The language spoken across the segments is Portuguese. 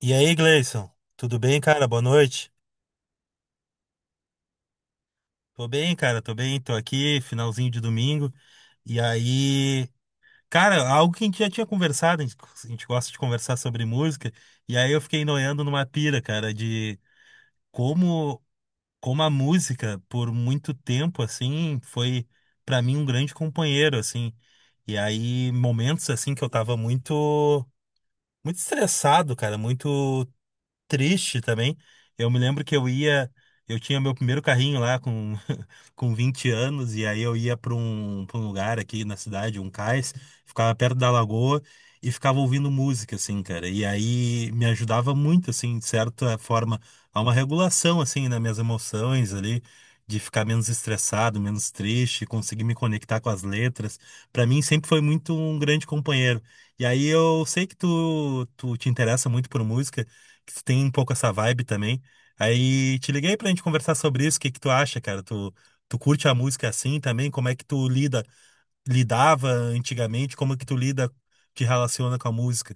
E aí, Gleison? Tudo bem, cara? Boa noite. Tô bem, cara, tô bem, tô aqui, finalzinho de domingo. E aí, cara, algo que a gente já tinha conversado, a gente gosta de conversar sobre música, e aí eu fiquei noiando numa pira, cara, de como, como a música, por muito tempo, assim, foi pra mim um grande companheiro, assim. E aí, momentos, assim, que eu tava muito, muito estressado, cara, muito triste também. Eu me lembro que eu ia, eu tinha meu primeiro carrinho lá com 20 anos, e aí eu ia para um lugar aqui na cidade, um cais, ficava perto da lagoa e ficava ouvindo música, assim, cara. E aí me ajudava muito, assim, de certa forma, a uma regulação, assim, nas minhas emoções ali. De ficar menos estressado, menos triste, conseguir me conectar com as letras. Para mim, sempre foi muito um grande companheiro. E aí, eu sei que tu, tu te interessa muito por música, que tu tem um pouco essa vibe também. Aí te liguei pra gente conversar sobre isso. O que que tu acha, cara? Tu curte a música assim também? Como é que tu lida, lidava antigamente? Como é que tu lida, te relaciona com a música?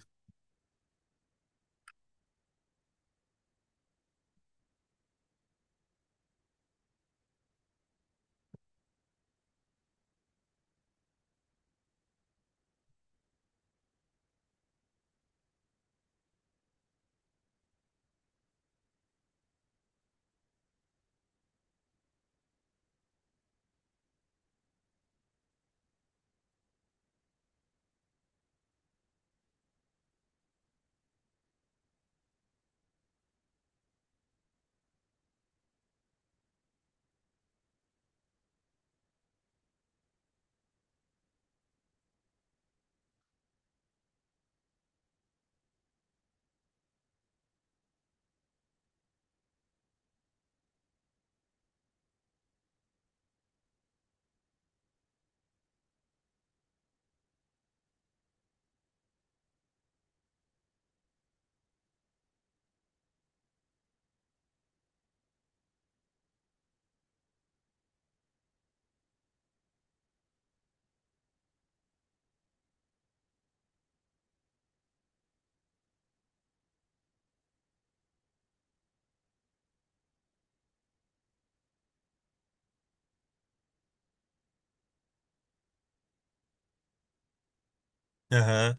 Aham.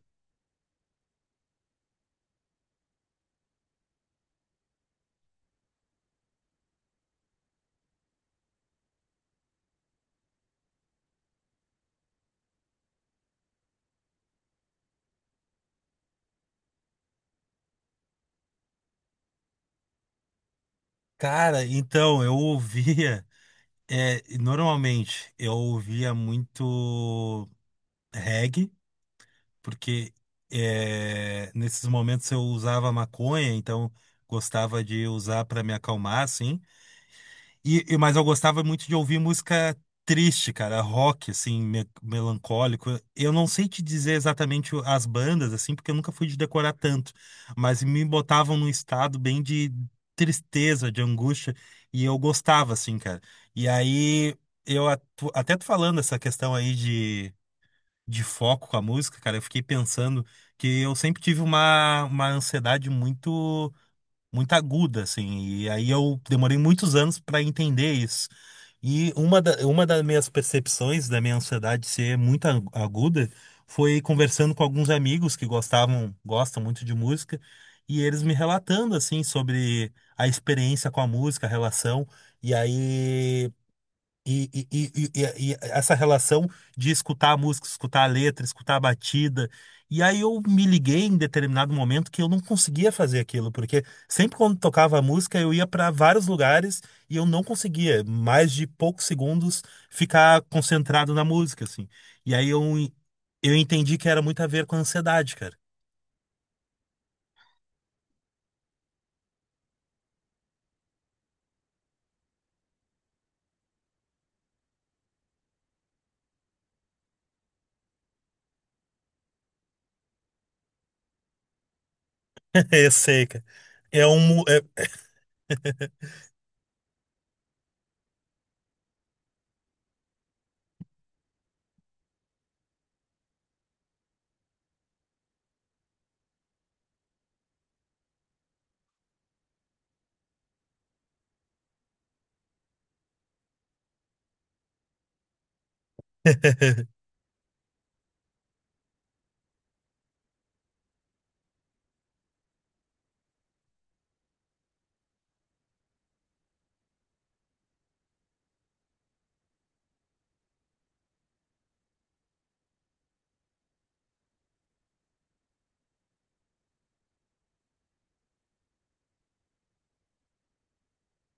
Cara, então eu ouvia, é, normalmente eu ouvia muito reggae, porque é, nesses momentos eu usava maconha, então gostava de usar para me acalmar, assim. Mas eu gostava muito de ouvir música triste, cara, rock, assim, melancólico. Eu não sei te dizer exatamente as bandas, assim, porque eu nunca fui de decorar tanto, mas me botavam num estado bem de tristeza, de angústia, e eu gostava, assim, cara. E aí, eu até tu falando essa questão aí de foco com a música, cara, eu fiquei pensando que eu sempre tive uma ansiedade muito muito aguda, assim. E aí eu demorei muitos anos para entender isso. E uma das minhas percepções da minha ansiedade ser muito aguda foi conversando com alguns amigos que gostavam, gostam muito de música, e eles me relatando, assim, sobre a experiência com a música, a relação. E aí. E essa relação de escutar a música, escutar a letra, escutar a batida. E aí eu me liguei em determinado momento que eu não conseguia fazer aquilo, porque sempre quando tocava a música eu ia para vários lugares e eu não conseguia, mais de poucos segundos, ficar concentrado na música, assim. E aí eu entendi que era muito a ver com a ansiedade, cara. Eu sei, cara. É.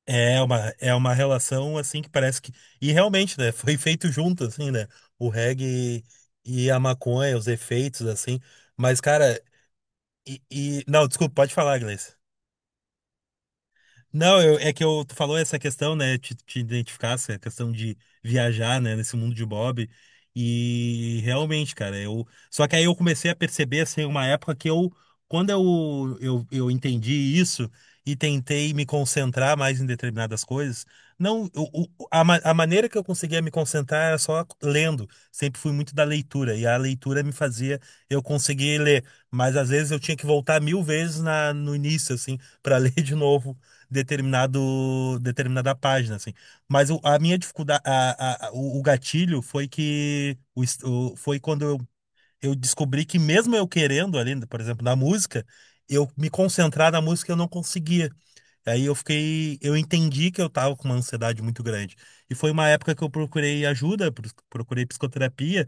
É uma relação assim que parece que. E realmente, né? Foi feito junto, assim, né? O reggae e a maconha, os efeitos, assim. Mas, cara, não, desculpa, pode falar, Gleice. Não, é que tu falou essa questão, né? Te identificasse, a questão de viajar, né? Nesse mundo de Bob. E realmente, cara, eu. Só que aí eu comecei a perceber, assim, uma época que eu. Quando eu entendi isso e tentei me concentrar mais em determinadas coisas, não, a maneira que eu conseguia me concentrar era só lendo. Sempre fui muito da leitura, e a leitura me fazia eu conseguir ler. Mas às vezes eu tinha que voltar mil vezes na, no início, assim, para ler de novo determinado determinada página assim mas a minha dificuldade o gatilho foi que foi quando eu descobri que mesmo eu querendo ali por exemplo na música eu me concentrar na música eu não conseguia. Aí eu fiquei, eu entendi que eu tava com uma ansiedade muito grande. E foi uma época que eu procurei ajuda, procurei psicoterapia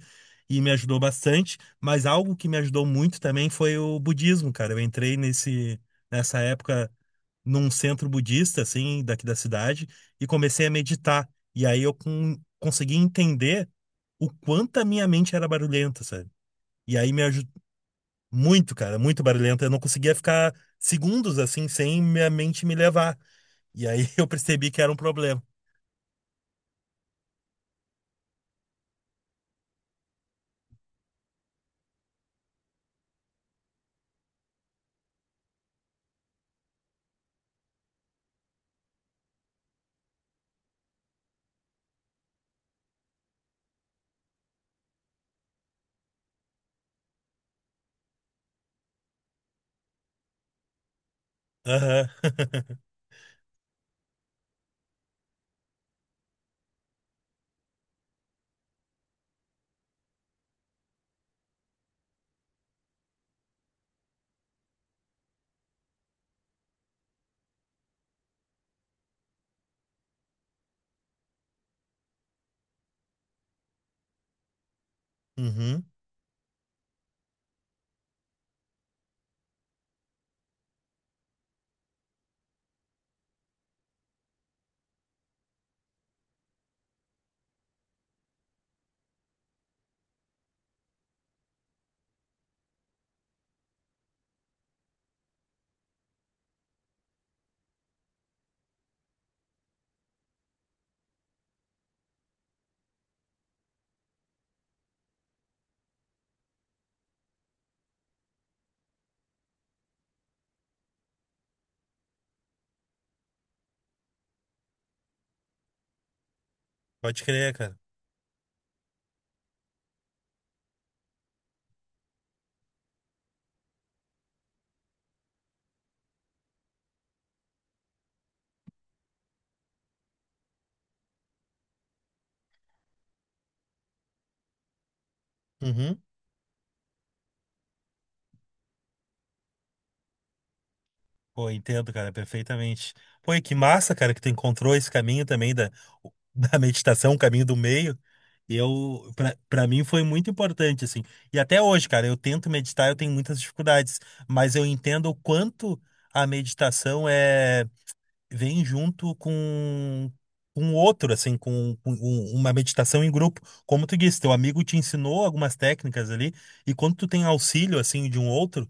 e me ajudou bastante, mas algo que me ajudou muito também foi o budismo, cara. Eu entrei nesse nessa época num centro budista assim, daqui da cidade e comecei a meditar. E aí eu consegui entender o quanto a minha mente era barulhenta, sabe? E aí me ajudou muito, cara, muito barulhenta. Eu não conseguia ficar segundos assim sem minha mente me levar. E aí eu percebi que era um problema. Aham. Uhum. Pode crer, cara. Uhum. Pô, entendo, cara, perfeitamente. Pô, e que massa, cara, que tu encontrou esse caminho também da, da meditação, o caminho do meio. Eu, pra mim foi muito importante, assim. E até hoje, cara, eu tento meditar, eu tenho muitas dificuldades, mas eu entendo o quanto a meditação é. Vem junto com um outro, assim, com uma meditação em grupo. Como tu disse, teu amigo te ensinou algumas técnicas ali, e quando tu tem auxílio, assim, de um outro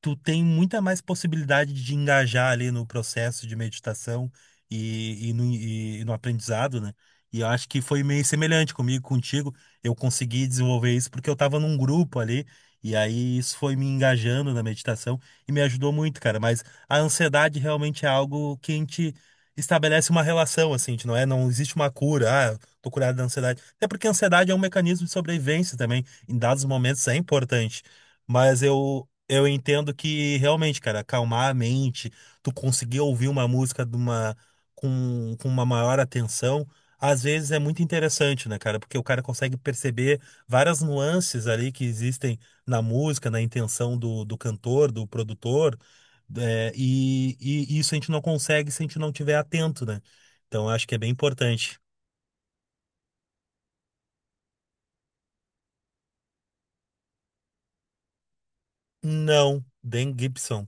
tu tem muita mais possibilidade de engajar ali no processo de meditação e no aprendizado, né? E eu acho que foi meio semelhante comigo, contigo. Eu consegui desenvolver isso porque eu estava num grupo ali, e aí isso foi me engajando na meditação e me ajudou muito, cara. Mas a ansiedade realmente é algo que a gente estabelece uma relação, assim, a gente não é? Não existe uma cura, ah, tô curado da ansiedade. Até porque a ansiedade é um mecanismo de sobrevivência também. Em dados momentos é importante. Mas eu entendo que realmente, cara, acalmar a mente, tu conseguir ouvir uma música de uma, com uma maior atenção, às vezes é muito interessante, né, cara? Porque o cara consegue perceber várias nuances ali que existem na música, na intenção do, do cantor, do produtor, é, e isso a gente não consegue se a gente não tiver atento, né? Então eu acho que é bem importante. Não, Dan Gibson,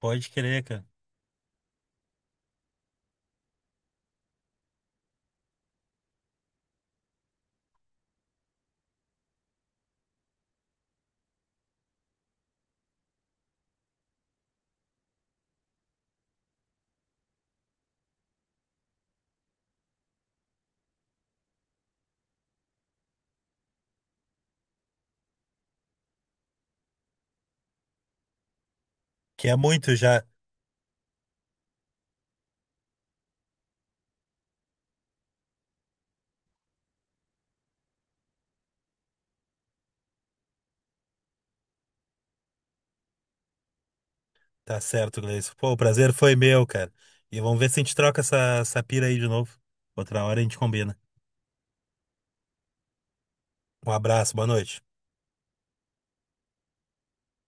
pode crer, cara. Que é muito já. Tá certo, Gleison. Pô, o prazer foi meu, cara. E vamos ver se a gente troca essa pira aí de novo. Outra hora a gente combina. Um abraço, boa noite.